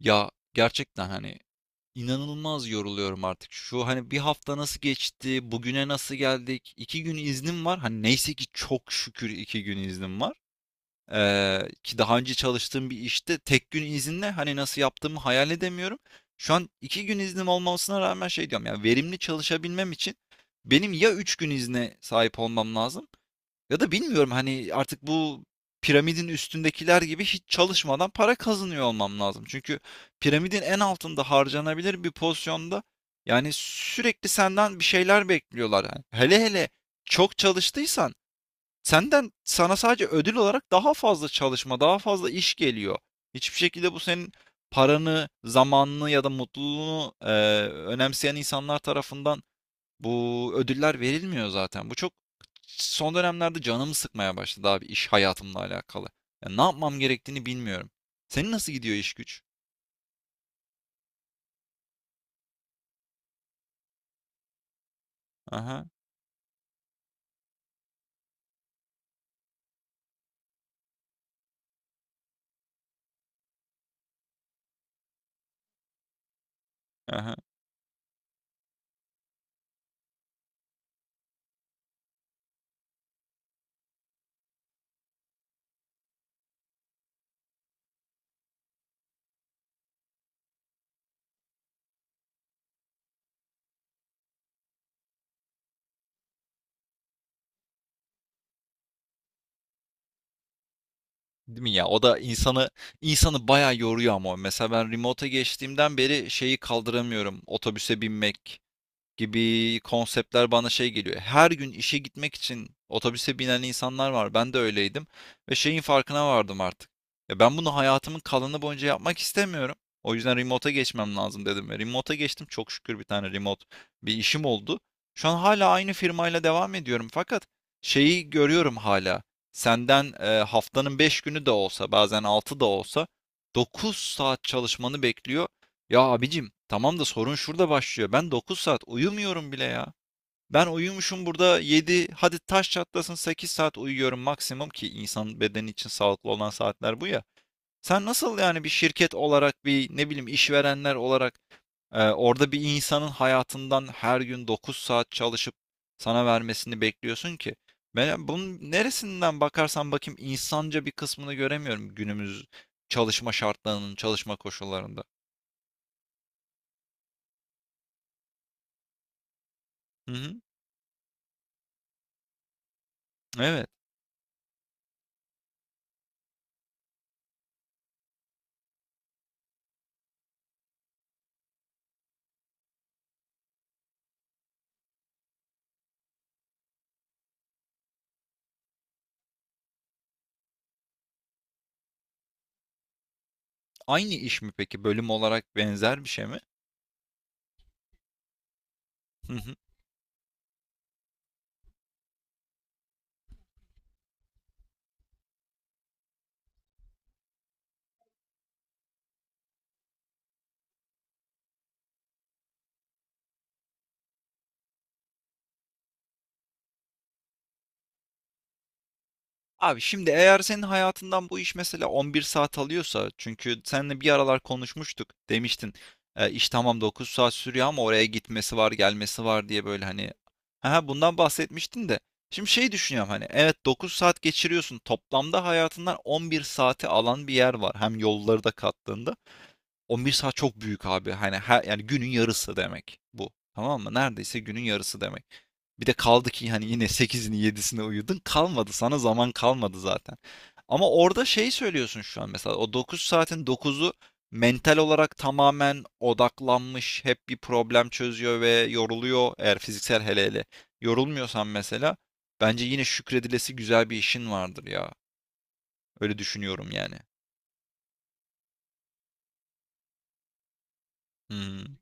Ya gerçekten hani inanılmaz yoruluyorum artık. Şu hani bir hafta nasıl geçti, bugüne nasıl geldik? İki gün iznim var. Hani neyse ki çok şükür 2 gün iznim var. Ki daha önce çalıştığım bir işte tek gün izinle hani nasıl yaptığımı hayal edemiyorum. Şu an iki gün iznim olmasına rağmen şey diyorum ya verimli çalışabilmem için benim ya 3 gün izne sahip olmam lazım ya da bilmiyorum hani artık bu piramidin üstündekiler gibi hiç çalışmadan para kazanıyor olmam lazım. Çünkü piramidin en altında harcanabilir bir pozisyonda yani sürekli senden bir şeyler bekliyorlar. Yani hele hele çok çalıştıysan senden sana sadece ödül olarak daha fazla çalışma, daha fazla iş geliyor. Hiçbir şekilde bu senin paranı, zamanını ya da mutluluğunu önemseyen insanlar tarafından bu ödüller verilmiyor zaten. Bu çok son dönemlerde canımı sıkmaya başladı abi iş hayatımla alakalı. Ya ne yapmam gerektiğini bilmiyorum. Senin nasıl gidiyor iş güç? Aha, aha. Değil mi ya? O da insanı bayağı yoruyor ama. Mesela ben remote'a geçtiğimden beri şeyi kaldıramıyorum. Otobüse binmek gibi konseptler bana şey geliyor. Her gün işe gitmek için otobüse binen insanlar var. Ben de öyleydim ve şeyin farkına vardım artık. Ya ben bunu hayatımın kalanı boyunca yapmak istemiyorum. O yüzden remote'a geçmem lazım dedim ve remote'a geçtim. Çok şükür bir tane remote bir işim oldu. Şu an hala aynı firmayla devam ediyorum fakat şeyi görüyorum hala. Senden haftanın 5 günü de olsa, bazen 6 da olsa 9 saat çalışmanı bekliyor ya abicim tamam da sorun şurada başlıyor. Ben 9 saat uyumuyorum bile ya. Ben uyumuşum burada 7. Hadi taş çatlasın 8 saat uyuyorum maksimum ki insan bedeni için sağlıklı olan saatler bu ya. Sen nasıl yani bir şirket olarak bir ne bileyim işverenler olarak orada bir insanın hayatından her gün 9 saat çalışıp sana vermesini bekliyorsun ki? Ben bunun neresinden bakarsan bakayım insanca bir kısmını göremiyorum günümüz çalışma şartlarının, çalışma koşullarında. Hı hı, evet. Aynı iş mi peki? Bölüm olarak benzer bir şey mi? Hı hı. Abi şimdi eğer senin hayatından bu iş mesela 11 saat alıyorsa çünkü seninle bir aralar konuşmuştuk demiştin iş tamam 9 saat sürüyor ama oraya gitmesi var gelmesi var diye böyle hani ha bundan bahsetmiştin de şimdi şey düşünüyorum hani evet 9 saat geçiriyorsun toplamda hayatından 11 saati alan bir yer var hem yolları da kattığında 11 saat çok büyük abi hani her, yani günün yarısı demek bu tamam mı neredeyse günün yarısı demek. Bir de kaldı ki hani yine sekizini 7'sine uyudun. Kalmadı sana zaman kalmadı zaten. Ama orada şey söylüyorsun şu an mesela o 9 saatin dokuzu mental olarak tamamen odaklanmış, hep bir problem çözüyor ve yoruluyor eğer fiziksel hele hele yorulmuyorsan mesela bence yine şükredilesi güzel bir işin vardır ya. Öyle düşünüyorum yani. Hmm,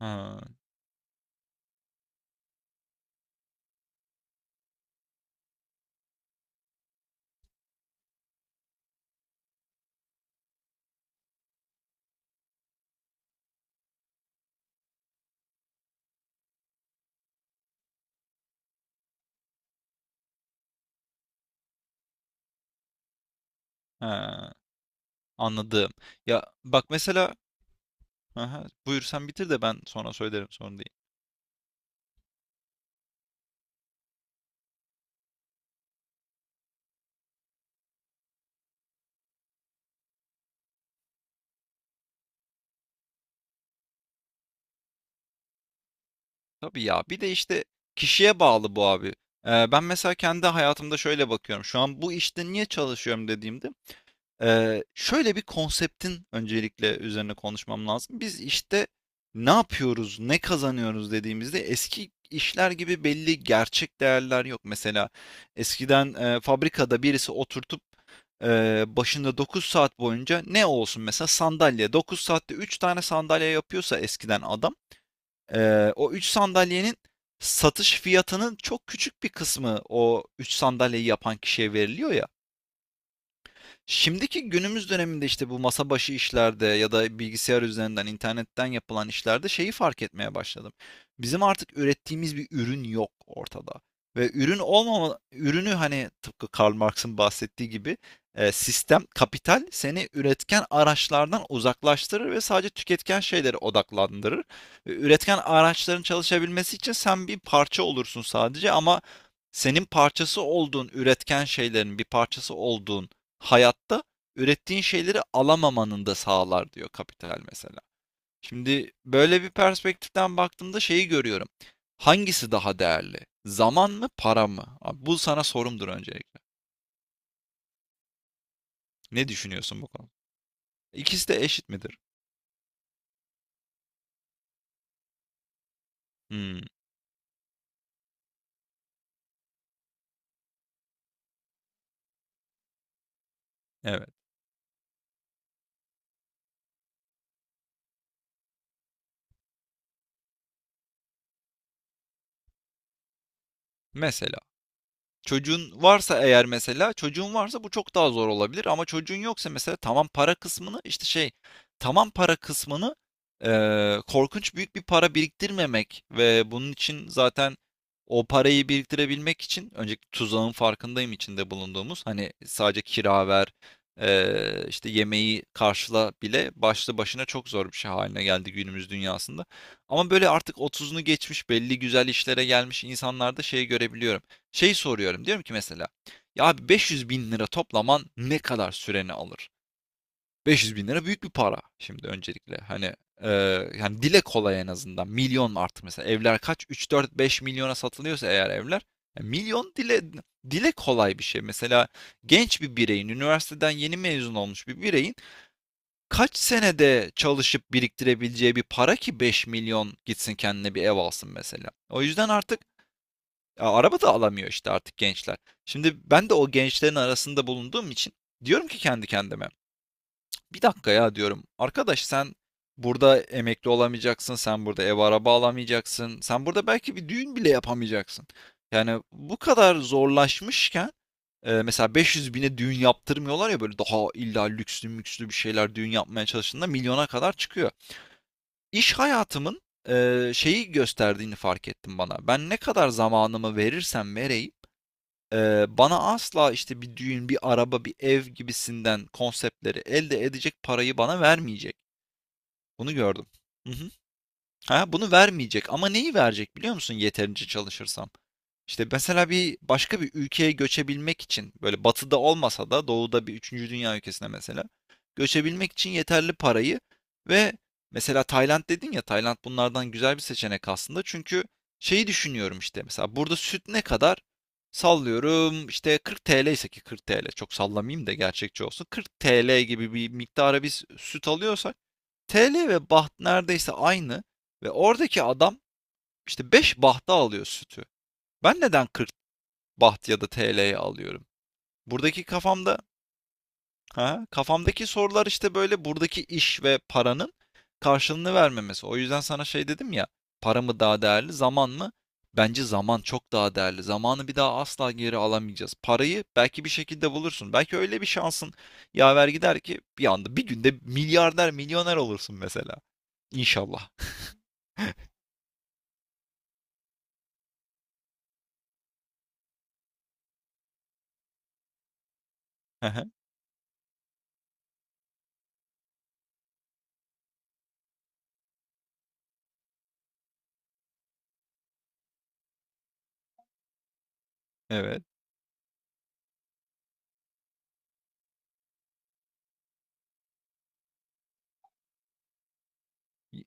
ha, ha, anladım. Ya bak mesela aha, buyur sen bitir de ben sonra söylerim sorun değil. Tabii ya. Bir de işte kişiye bağlı bu abi. Ben mesela kendi hayatımda şöyle bakıyorum. Şu an bu işte niye çalışıyorum dediğimde şöyle bir konseptin öncelikle üzerine konuşmam lazım. Biz işte ne yapıyoruz, ne kazanıyoruz dediğimizde eski işler gibi belli gerçek değerler yok. Mesela eskiden fabrikada birisi oturtup başında 9 saat boyunca ne olsun mesela sandalye 9 saatte 3 tane sandalye yapıyorsa eskiden adam o 3 sandalyenin satış fiyatının çok küçük bir kısmı o 3 sandalyeyi yapan kişiye veriliyor ya. Şimdiki günümüz döneminde işte bu masa başı işlerde ya da bilgisayar üzerinden, internetten yapılan işlerde şeyi fark etmeye başladım. Bizim artık ürettiğimiz bir ürün yok ortada. Ve ürün olmama, ürünü hani tıpkı Karl Marx'ın bahsettiği gibi sistem, kapital seni üretken araçlardan uzaklaştırır ve sadece tüketken şeylere odaklandırır. Ve üretken araçların çalışabilmesi için sen bir parça olursun sadece ama senin parçası olduğun, üretken şeylerin bir parçası olduğun hayatta ürettiğin şeyleri alamamanın da sağlar diyor kapital mesela. Şimdi böyle bir perspektiften baktığımda şeyi görüyorum. Hangisi daha değerli? Zaman mı, para mı? Abi bu sana sorumdur öncelikle. Ne düşünüyorsun bu konuda? İkisi de eşit midir? Hmm, evet. Mesela. Çocuğun varsa eğer mesela, çocuğun varsa bu çok daha zor olabilir ama çocuğun yoksa mesela tamam para kısmını işte şey, tamam para kısmını korkunç büyük bir para biriktirmemek ve bunun için zaten o parayı biriktirebilmek için önceki tuzağın farkındayım içinde bulunduğumuz. Hani sadece kira ver, işte yemeği karşıla bile başlı başına çok zor bir şey haline geldi günümüz dünyasında. Ama böyle artık 30'unu geçmiş belli güzel işlere gelmiş insanlarda şeyi görebiliyorum. Şey soruyorum diyorum ki mesela ya abi 500 bin lira toplaman ne kadar süreni alır? 500 bin lira büyük bir para şimdi öncelikle hani e, yani dile kolay en azından milyon artık mesela evler kaç 3 4 5 milyona satılıyorsa eğer evler ya milyon dile kolay bir şey mesela genç bir bireyin üniversiteden yeni mezun olmuş bir bireyin kaç senede çalışıp biriktirebileceği bir para ki 5 milyon gitsin kendine bir ev alsın mesela. O yüzden artık ya araba da alamıyor işte artık gençler. Şimdi ben de o gençlerin arasında bulunduğum için diyorum ki kendi kendime. Bir dakika ya diyorum. Arkadaş sen burada emekli olamayacaksın. Sen burada ev araba alamayacaksın. Sen burada belki bir düğün bile yapamayacaksın. Yani bu kadar zorlaşmışken mesela 500 bine düğün yaptırmıyorlar ya böyle daha illa lükslü mükslü bir şeyler düğün yapmaya çalıştığında milyona kadar çıkıyor. İş hayatımın şeyi gösterdiğini fark ettim bana. Ben ne kadar zamanımı verirsem vereyim bana asla işte bir düğün, bir araba, bir ev gibisinden konseptleri elde edecek parayı bana vermeyecek. Bunu gördüm. Ha, bunu vermeyecek ama neyi verecek biliyor musun yeterince çalışırsam? İşte mesela bir başka bir ülkeye göçebilmek için böyle batıda olmasa da doğuda bir üçüncü dünya ülkesine mesela göçebilmek için yeterli parayı ve mesela Tayland dedin ya Tayland bunlardan güzel bir seçenek aslında. Çünkü şeyi düşünüyorum işte mesela burada süt ne kadar? Sallıyorum işte 40 TL ise ki 40 TL çok sallamayayım da gerçekçi olsun. 40 TL gibi bir miktara biz süt alıyorsak TL ve baht neredeyse aynı ve oradaki adam işte 5 bahta alıyor sütü. Ben neden 40 baht ya da TL'ye alıyorum? Buradaki kafamda ha, kafamdaki sorular işte böyle buradaki iş ve paranın karşılığını vermemesi. O yüzden sana şey dedim ya, para mı daha değerli, zaman mı? Bence zaman çok daha değerli. Zamanı bir daha asla geri alamayacağız. Parayı belki bir şekilde bulursun. Belki öyle bir şansın yaver gider ki bir anda bir günde milyarder, milyoner olursun mesela. İnşallah. Evet. Y-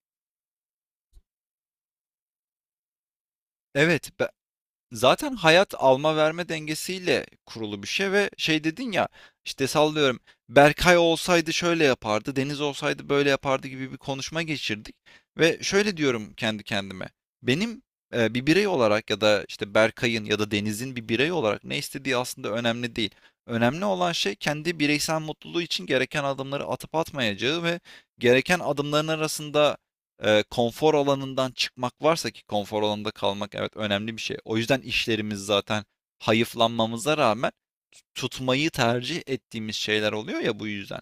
Evet, zaten hayat alma verme dengesiyle kurulu bir şey ve şey dedin ya işte sallıyorum Berkay olsaydı şöyle yapardı, Deniz olsaydı böyle yapardı gibi bir konuşma geçirdik ve şöyle diyorum kendi kendime. Benim bir birey olarak ya da işte Berkay'ın ya da Deniz'in bir birey olarak ne istediği aslında önemli değil. Önemli olan şey kendi bireysel mutluluğu için gereken adımları atıp atmayacağı ve gereken adımların arasında konfor alanından çıkmak varsa ki konfor alanında kalmak evet önemli bir şey. O yüzden işlerimiz zaten hayıflanmamıza rağmen tutmayı tercih ettiğimiz şeyler oluyor ya bu yüzden.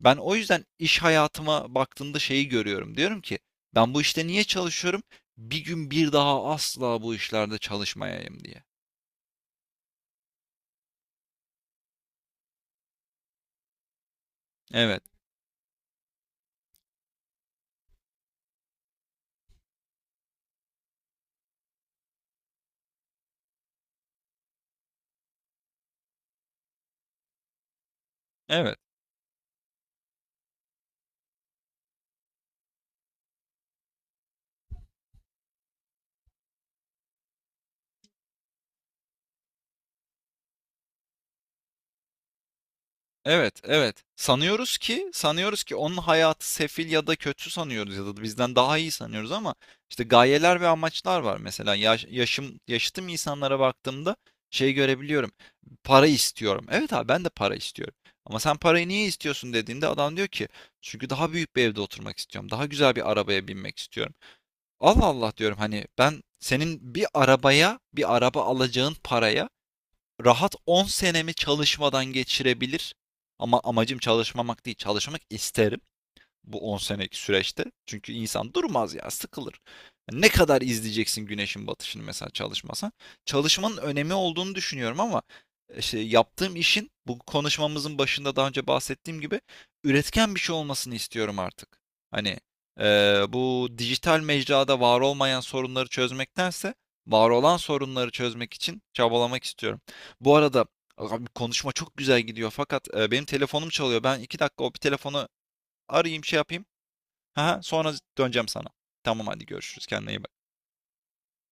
Ben o yüzden iş hayatıma baktığımda şeyi görüyorum. Diyorum ki ben bu işte niye çalışıyorum? Bir gün bir daha asla bu işlerde çalışmayayım diye. Evet. Evet. Evet, evet. Sanıyoruz ki onun hayatı sefil ya da kötü sanıyoruz ya da bizden daha iyi sanıyoruz ama işte gayeler ve amaçlar var. Mesela yaşım yaşıtım insanlara baktığımda şey görebiliyorum. Para istiyorum. Evet abi ben de para istiyorum. Ama sen parayı niye istiyorsun dediğinde adam diyor ki çünkü daha büyük bir evde oturmak istiyorum. Daha güzel bir arabaya binmek istiyorum. Allah Allah diyorum hani ben senin bir araba alacağın paraya rahat 10 senemi çalışmadan geçirebilir. Ama amacım çalışmamak değil, çalışmak isterim bu 10 senelik süreçte. Çünkü insan durmaz ya, sıkılır. Ne kadar izleyeceksin güneşin batışını mesela çalışmasan? Çalışmanın önemi olduğunu düşünüyorum ama işte yaptığım işin bu konuşmamızın başında daha önce bahsettiğim gibi üretken bir şey olmasını istiyorum artık. Hani bu dijital mecrada var olmayan sorunları çözmektense var olan sorunları çözmek için çabalamak istiyorum. Bu arada abi konuşma çok güzel gidiyor fakat benim telefonum çalıyor. Ben 2 dakika o bir telefonu arayayım şey yapayım. Ha, sonra döneceğim sana. Tamam hadi görüşürüz. Kendine iyi bak.